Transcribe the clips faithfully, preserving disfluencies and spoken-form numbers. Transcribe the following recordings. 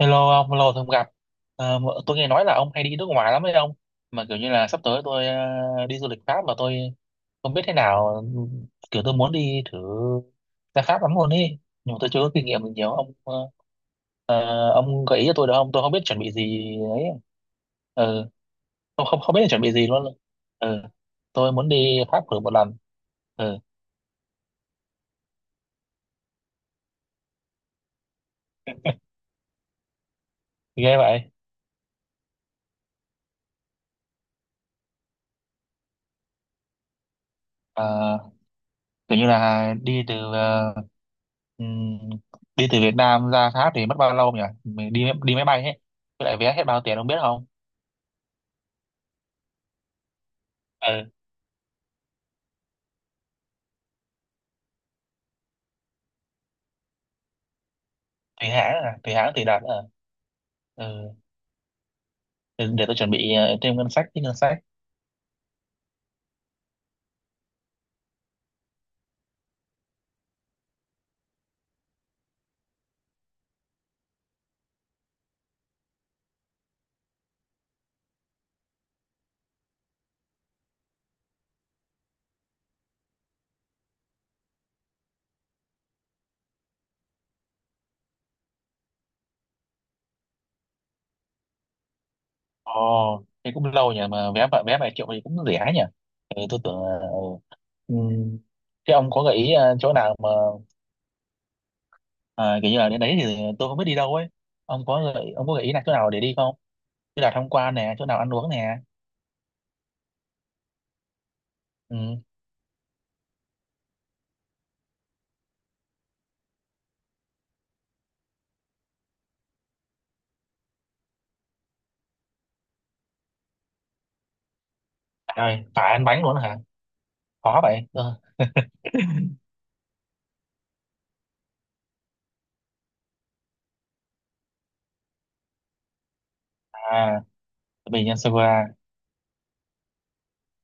Hello ông, lâu rồi không gặp. Ờ, mà tôi nghe nói là ông hay đi nước ngoài lắm đấy ông. Mà kiểu như là sắp tới tôi ờ, đi du lịch Pháp mà tôi không biết thế nào. Kiểu tôi muốn đi thử ra Pháp lắm luôn ấy. Nhưng mà tôi chưa có kinh nghiệm gì nhiều. Ông ờ, ờ, ông gợi ý cho tôi được không? Tôi không biết chuẩn bị gì ấy. Ừ, không, không, không biết chuẩn bị gì luôn. Ừ, tôi muốn đi Pháp thử một lần. Ừ, ghê vậy. Ờ, kiểu như là đi từ ờ, ừm, đi từ Việt Nam ra Pháp thì mất bao lâu nhỉ, mình đi đi máy bay hết, với lại vé hết bao tiền ông biết không? Ừ, tùy hãng à, tùy hãng tùy đợt à? Ừ, để, để tôi chuẩn bị ờ, thêm ngân sách, chứ ngân sách. Ồ, thế cũng lâu nhỉ, mà vé vài- vé vài triệu thì cũng rẻ nhỉ. Ừ, tôi tưởng ờ, ừ. Ừm, thế ông có gợi ý ờ, chỗ nào mà à, kiểu như là đến đấy thì tôi không biết đi đâu ấy. Ông có gợi ông có gợi ý là chỗ nào để đi không? Như là tham quan nè, chỗ nào ăn uống nè. Ừ. Trời, phải ăn bánh luôn hả? Khó vậy. Ờ. À, bánh mì nhân sô cô la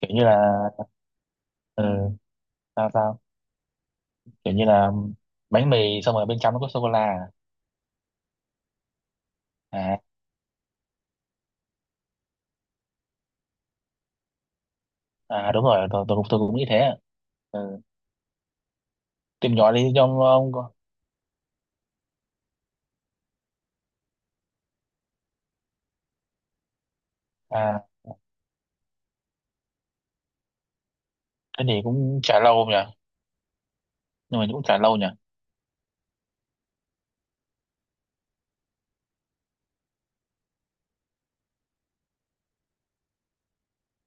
kiểu như là. Ừ, sao sao? Kiểu như là bánh mì xong rồi bên trong nó có sô cô la. À, à à, đúng rồi, tôi, tôi, cũng- tôi cũng nghĩ thế. Ừ. Tìm nhỏ đi cho ông ông có- à thế thì cũng chả lâu nhỉ. Nhưng mà cũng chả lâu nhỉ.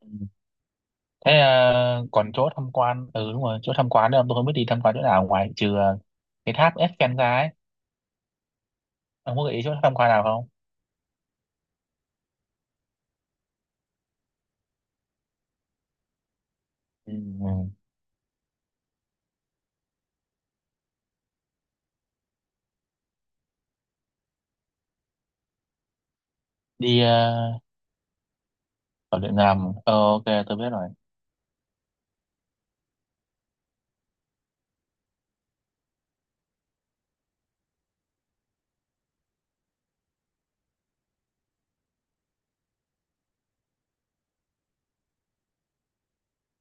Ừ. Thế à, còn chỗ tham quan, ừ đúng rồi, chỗ tham quan nữa tôi không biết đi tham quan chỗ nào ngoài trừ à, cái tháp Eiffel ra ấy. Ông có gợi ý chỗ tham quan nào không? Ừ, ừ. Đi ờ, ở Điện Nam à? Ờ, ok, tôi biết rồi.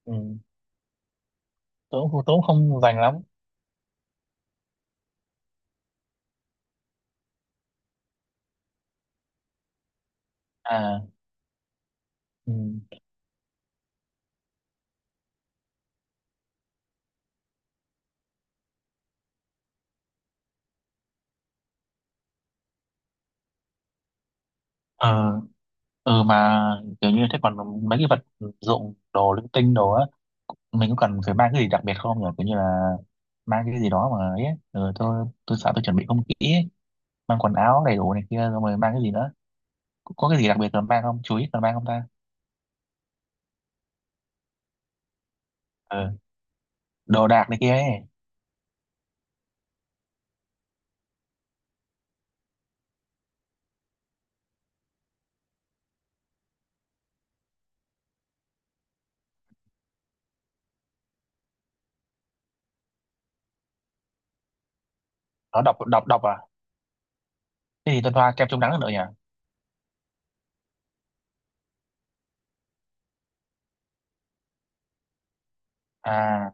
Ừ. Tớ cũng tớ cũng không dành lắm. À, ừ, ờ, ừ mà kiểu như thế còn mấy cái vật dụng đồ linh tinh đồ á, mình có cần phải mang cái gì đặc biệt không nhỉ, kiểu như là mang cái gì đó mà ấy. Ừ, tôi tôi sợ tôi chuẩn bị không kỹ ấy. Mang quần áo đầy đủ này kia rồi mà mang cái gì nữa, có, có cái gì đặc biệt cần mang không, chú ý cần mang không ta? Ừ, đồ đạc này kia ấy. Nó đọc đọc đọc à? Thế thì tôi thoa kem chống nắng nữa nhỉ. À,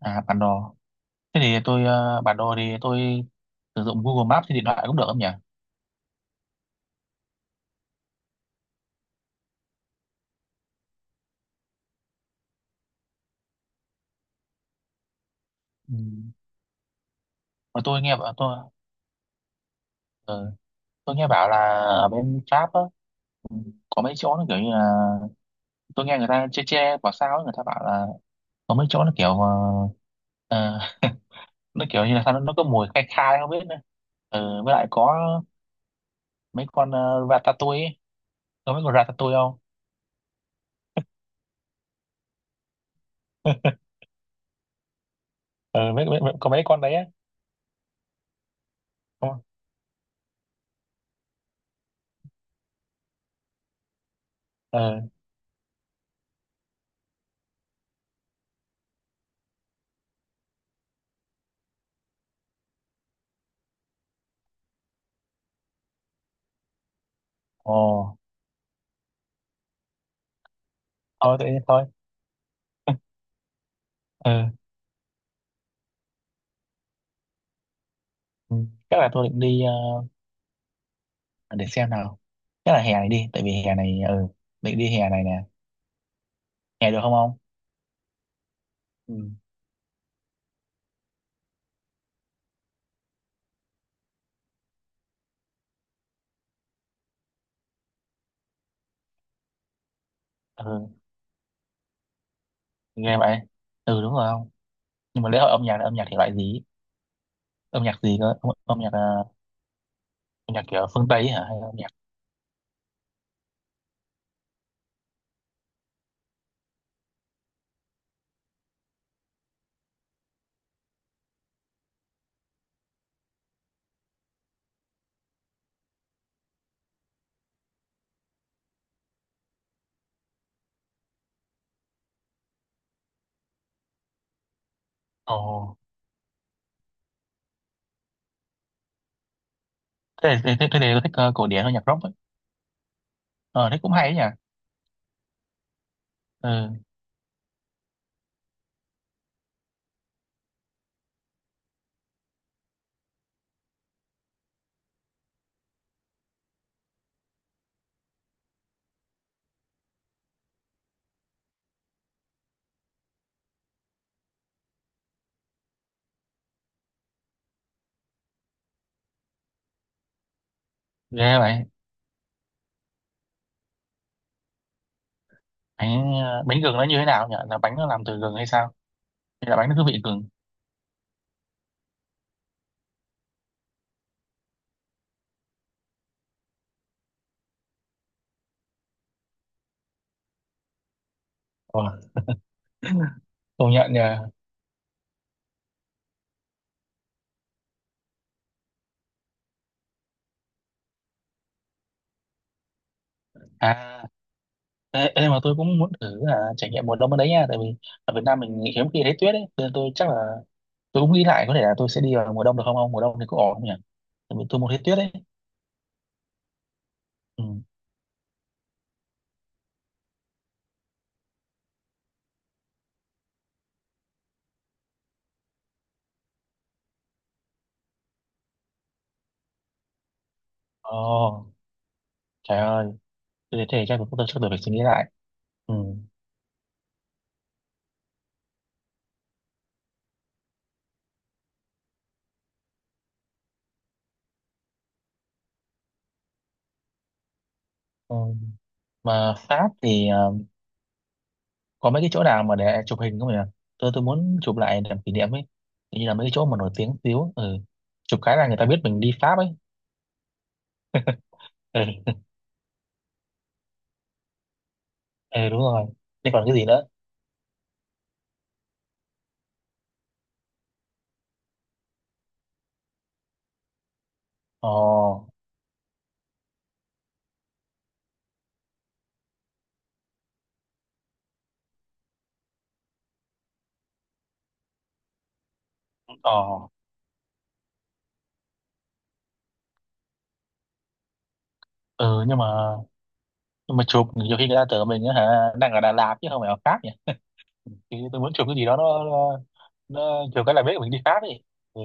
à bản đồ, thế thì tôi ờ, bản đồ thì tôi sử dụng Google Maps trên điện thoại cũng được không nhỉ? Ừ. Mà tôi nghe bảo tôi ờ, tôi nghe bảo là ở bên Pháp á, ừ, có mấy chỗ nó kiểu như là, tôi nghe người ta chê chê bảo sao ấy, người ta bảo là có mấy chỗ nó kiểu ờ, ờ, nó kiểu như là sao nó, nó có mùi khai khai không biết nữa. Ừ, với lại có mấy con uh, ratatouille ấy. Có mấy con ratatouille không? ừ, mấy, mấy, mấy, có mấy con đấy á. Không. Ừ. Ồ, thôi tự nhiên thôi. Ừ. Ừ, chắc là tôi định đi ờ, để xem nào, chắc là hè này đi, tại vì hè này ừ định đi hè này nè. Hè được không không? Ừ. Ừ. Nghe vậy. Ừ đúng rồi. Không, nhưng mà lễ hội âm nhạc là âm nhạc thể loại gì, âm nhạc gì cơ, âm, âm nhạc ờ, âm nhạc kiểu phương Tây ấy hả hay là âm nhạc? Ồ, thế thế thế, thế thì có thích ờ, cổ điển âm nhạc rock ấy. Ờ, thế cũng hay ấy nhỉ. Ừ. Ghê vậy. Bánh ờ, bánh gừng nó như thế nào nhỉ, là bánh nó làm từ gừng hay sao, hay là bánh nó cứ vị gừng? Ồ, công nhận nhỉ. À, ê, ê, mà tôi cũng muốn thử là trải nghiệm mùa đông ở đấy nha, tại vì ở Việt Nam mình hiếm khi thấy tuyết ấy, nên tôi chắc là tôi cũng nghĩ lại có thể là tôi sẽ đi vào mùa đông được không ông, mùa đông thì cũng ổn không nhỉ, tại vì tôi muốn thấy tuyết ấy. Ừ. Ồ, trời ơi, thế thì chắc mình cũng chưa được, phải suy nghĩ lại. Ừ. Ừ. Mà Pháp thì ờ, có mấy cái chỗ nào mà để chụp hình không nhỉ? Tôi tôi muốn chụp lại làm kỷ niệm ấy. Hình như là mấy cái chỗ mà nổi tiếng xíu. Ừ. Chụp cái là người ta biết mình đi Pháp ấy. Ừ, ừ đúng rồi. Thế còn cái gì nữa? Ồ, ồ. Ừ nhưng mà nhưng mà chụp nhiều khi người ta tưởng mình á hả đang ở Đà Lạt chứ không phải ở Pháp nhỉ? Ừ, thì tôi muốn chụp cái gì đó nó nó, nó chụp cái là biết mình đi Pháp ấy. Ừ.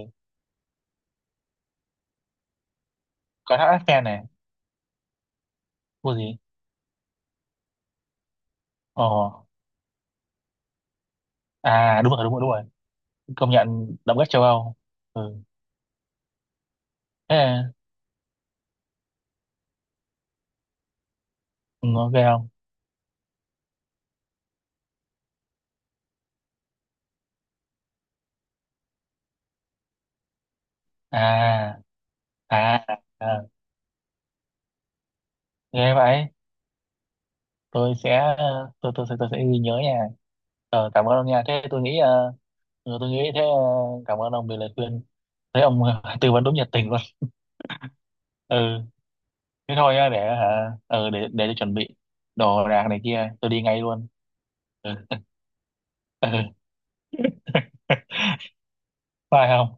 Có tháp Eiffel này, có gì? Ồ. À đúng rồi đúng rồi đúng rồi, công nhận động đất châu Âu. Ừ. Thế à? Ừ, ok không. À à, à. Nghe vậy. Tôi sẽ ờ, tôi tôi tôi, tôi sẽ ghi nhớ nha. Ờ, cảm ơn ông nha, thế tôi nghĩ ờ, ừ, tôi nghĩ thế. ờ, Cảm ơn ông vì lời khuyên, thấy ông tư vấn đúng nhiệt tình luôn. Ừ. Thế thôi nhá, để hả, ừ, để để tôi chuẩn bị đồ đạc này kia, tôi đi ngay luôn. Ừ. Ừ. Phải không?